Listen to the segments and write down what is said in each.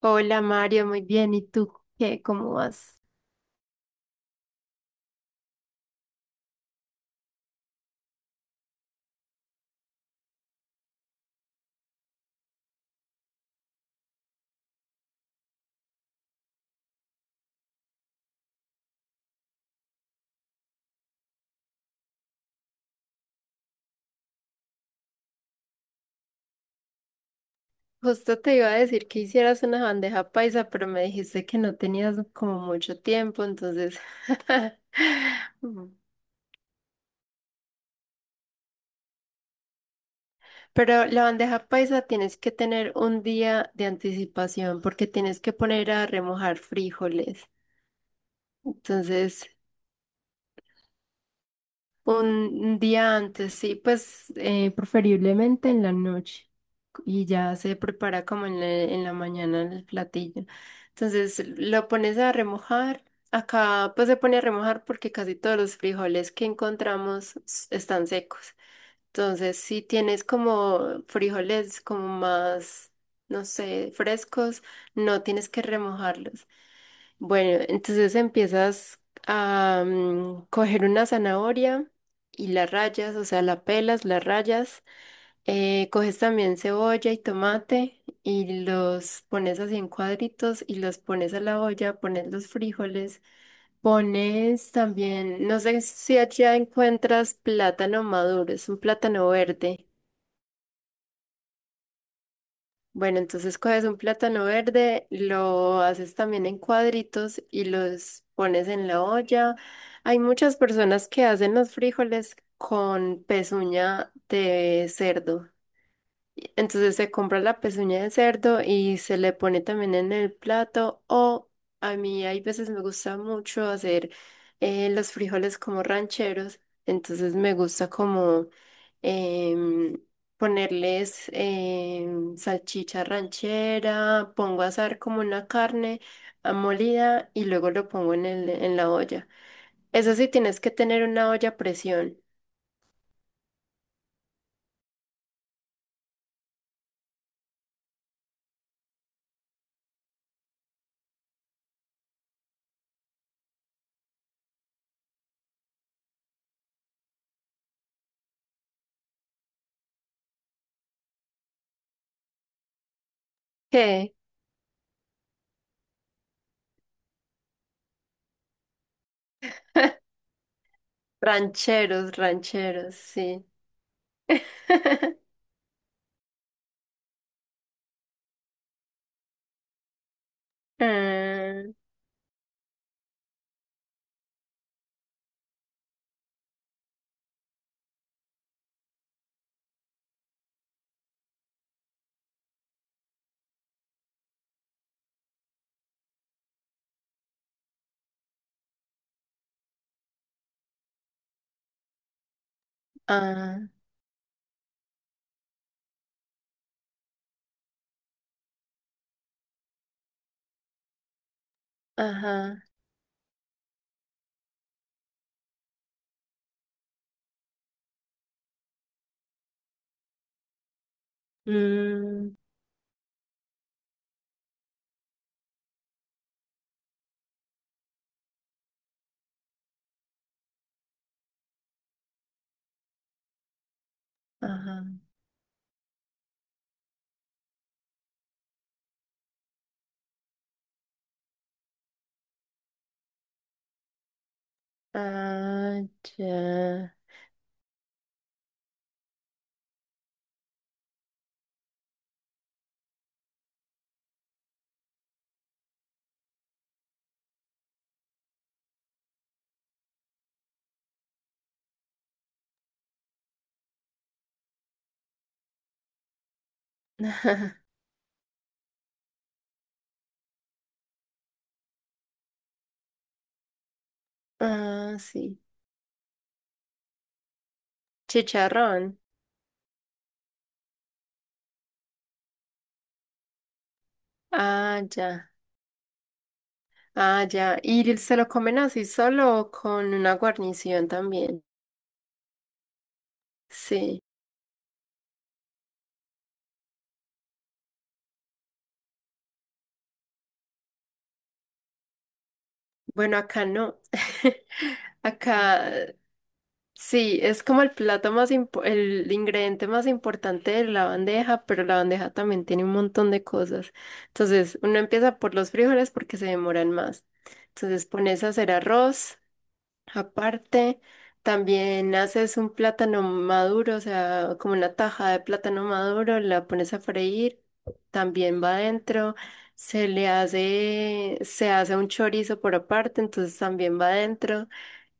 Hola Mario, muy bien. ¿Y tú qué? ¿Cómo vas? Justo te iba a decir que hicieras una bandeja paisa, pero me dijiste que no tenías como mucho tiempo, entonces... Mm. Pero la bandeja paisa tienes que tener un día de anticipación porque tienes que poner a remojar frijoles. Entonces, un día antes, sí, pues preferiblemente en la noche y ya se prepara como en la mañana el platillo. Entonces lo pones a remojar. Acá pues se pone a remojar porque casi todos los frijoles que encontramos están secos. Entonces si tienes como frijoles como más, no sé, frescos, no tienes que remojarlos. Bueno, entonces empiezas a coger una zanahoria y la rayas, o sea, la pelas, la rayas. Eh, coges también cebolla y tomate y los pones así en cuadritos y los pones a la olla, pones los frijoles, pones también, no sé si allá encuentras plátano maduro, es un plátano verde. Bueno, entonces coges un plátano verde, lo haces también en cuadritos y los pones en la olla. Hay muchas personas que hacen los frijoles con pezuña de cerdo. Entonces se compra la pezuña de cerdo y se le pone también en el plato. O a mí hay veces me gusta mucho hacer los frijoles como rancheros. Entonces me gusta como em, ponerles salchicha ranchera, pongo a asar como una carne molida y luego lo pongo en la olla. Eso sí, tienes que tener una olla a presión. ¿Qué? Rancheros, rancheros, sí. Ah, ah, ajá. Mm, ajá. Ah, ya. Ah, sí. Chicharrón. Ah, ya. Ah, ya. ¿Y se lo comen así solo o con una guarnición también? Sí. Bueno, acá no. Acá sí, es como el plato más el ingrediente más importante de la bandeja, pero la bandeja también tiene un montón de cosas. Entonces, uno empieza por los frijoles porque se demoran más. Entonces, pones a hacer arroz aparte, también haces un plátano maduro, o sea, como una taja de plátano maduro, la pones a freír, también va adentro. Se hace un chorizo por aparte, entonces también va adentro.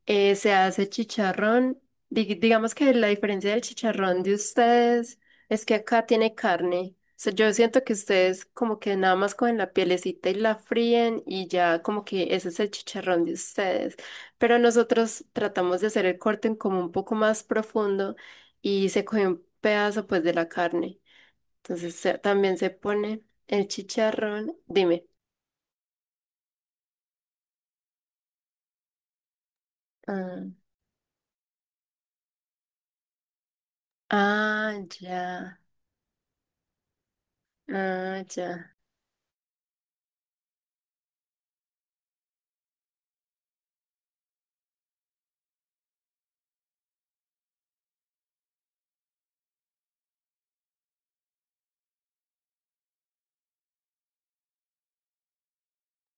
Se hace chicharrón. Digamos que la diferencia del chicharrón de ustedes es que acá tiene carne. O sea, yo siento que ustedes como que nada más cogen la pielecita y la fríen y ya como que ese es el chicharrón de ustedes. Pero nosotros tratamos de hacer el corte en como un poco más profundo y se coge un pedazo pues de la carne. Entonces también se pone el chicharrón. Dime. Ah, ah, ya. Ah, ya.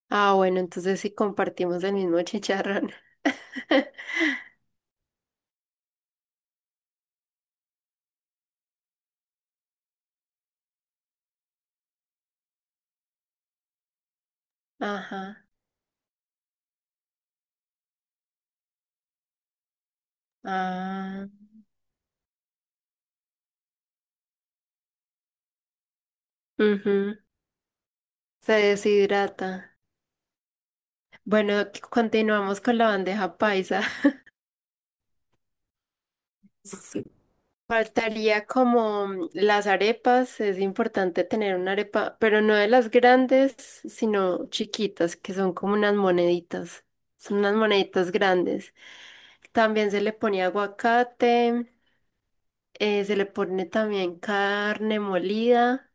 Ah, bueno, entonces sí compartimos el mismo chicharrón. Ajá. Ah. Ujú, se deshidrata. Bueno, continuamos con la bandeja paisa. Sí. Faltaría como las arepas, es importante tener una arepa, pero no de las grandes, sino chiquitas, que son como unas moneditas, son unas moneditas grandes. También se le pone aguacate, se le pone también carne molida.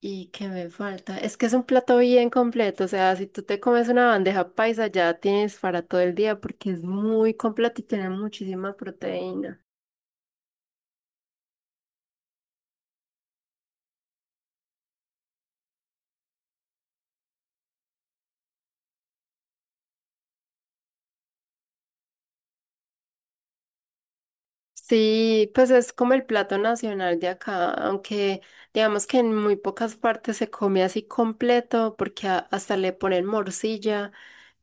¿Y qué me falta? Es que es un plato bien completo, o sea, si tú te comes una bandeja paisa ya tienes para todo el día porque es muy completo y tiene muchísima proteína. Sí, pues es como el plato nacional de acá, aunque digamos que en muy pocas partes se come así completo porque hasta le ponen morcilla,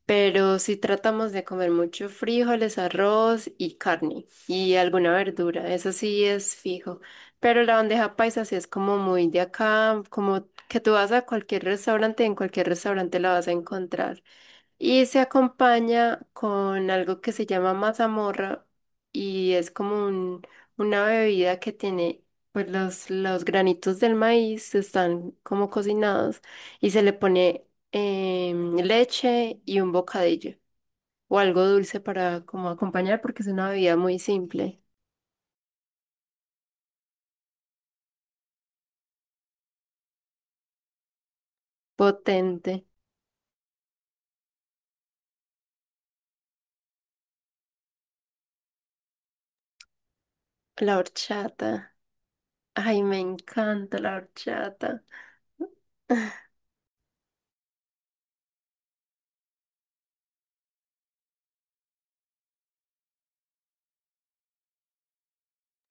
pero sí tratamos de comer mucho frijoles, arroz y carne y alguna verdura, eso sí es fijo. Pero la bandeja paisa sí es como muy de acá, como que tú vas a cualquier restaurante, en cualquier restaurante la vas a encontrar. Y se acompaña con algo que se llama mazamorra y es como una bebida que tiene, pues los granitos del maíz están como cocinados y se le pone leche y un bocadillo o algo dulce para como acompañar porque es una bebida muy simple, potente. La horchata. Ay, me encanta la horchata.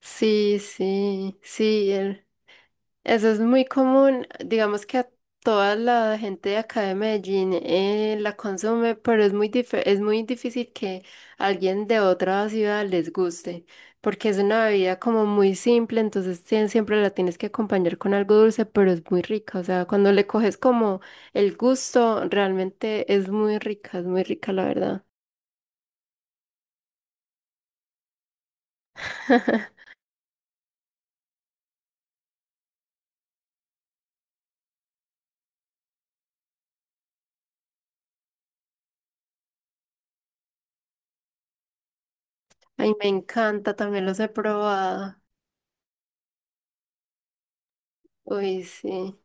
Sí, sí, sí. Eso es muy común, digamos que a toda la gente de acá de Medellín la consume, pero es muy es muy difícil que alguien de otra ciudad les guste, porque es una bebida como muy simple, entonces siempre la tienes que acompañar con algo dulce, pero es muy rica, o sea, cuando le coges como el gusto, realmente es muy rica la verdad. Ay, me encanta, también los he probado. Uy, sí.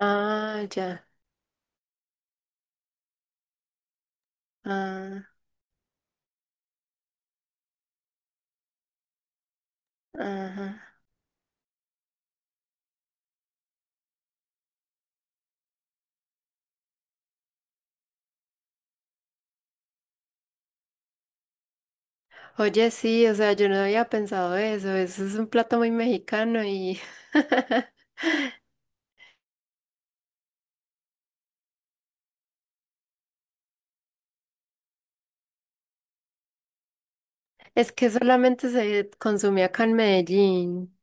Ah, ya. Ah, ajá. Oye, sí, o sea, yo no había pensado eso. Eso es un plato muy mexicano y es que solamente se consume acá en Medellín.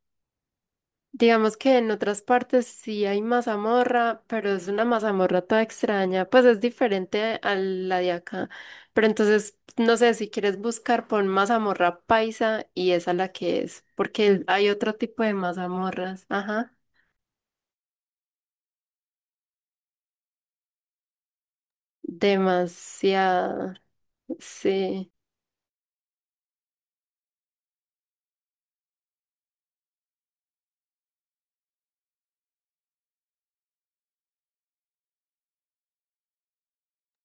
Digamos que en otras partes sí hay mazamorra, pero es una mazamorra toda extraña. Pues es diferente a la de acá. Pero entonces, no sé, si quieres buscar, pon mazamorra paisa y esa la que es, porque hay otro tipo de mazamorras. Ajá. Demasiada. Sí.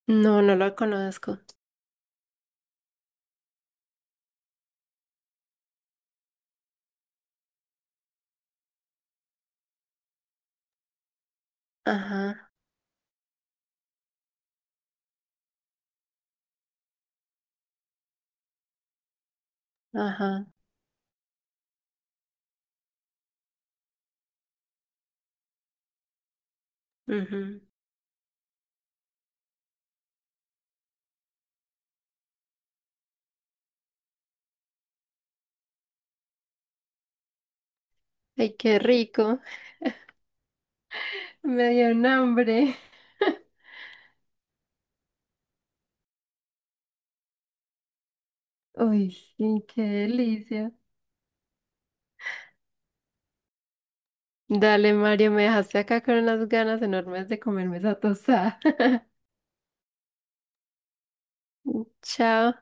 No, no la conozco. Ajá, ajá. Ujú. Ay, qué rico. Me dio un hambre. Uy, sí, qué delicia. Dale, Mario, me dejaste acá con unas ganas enormes de comerme esa tostada. Chao.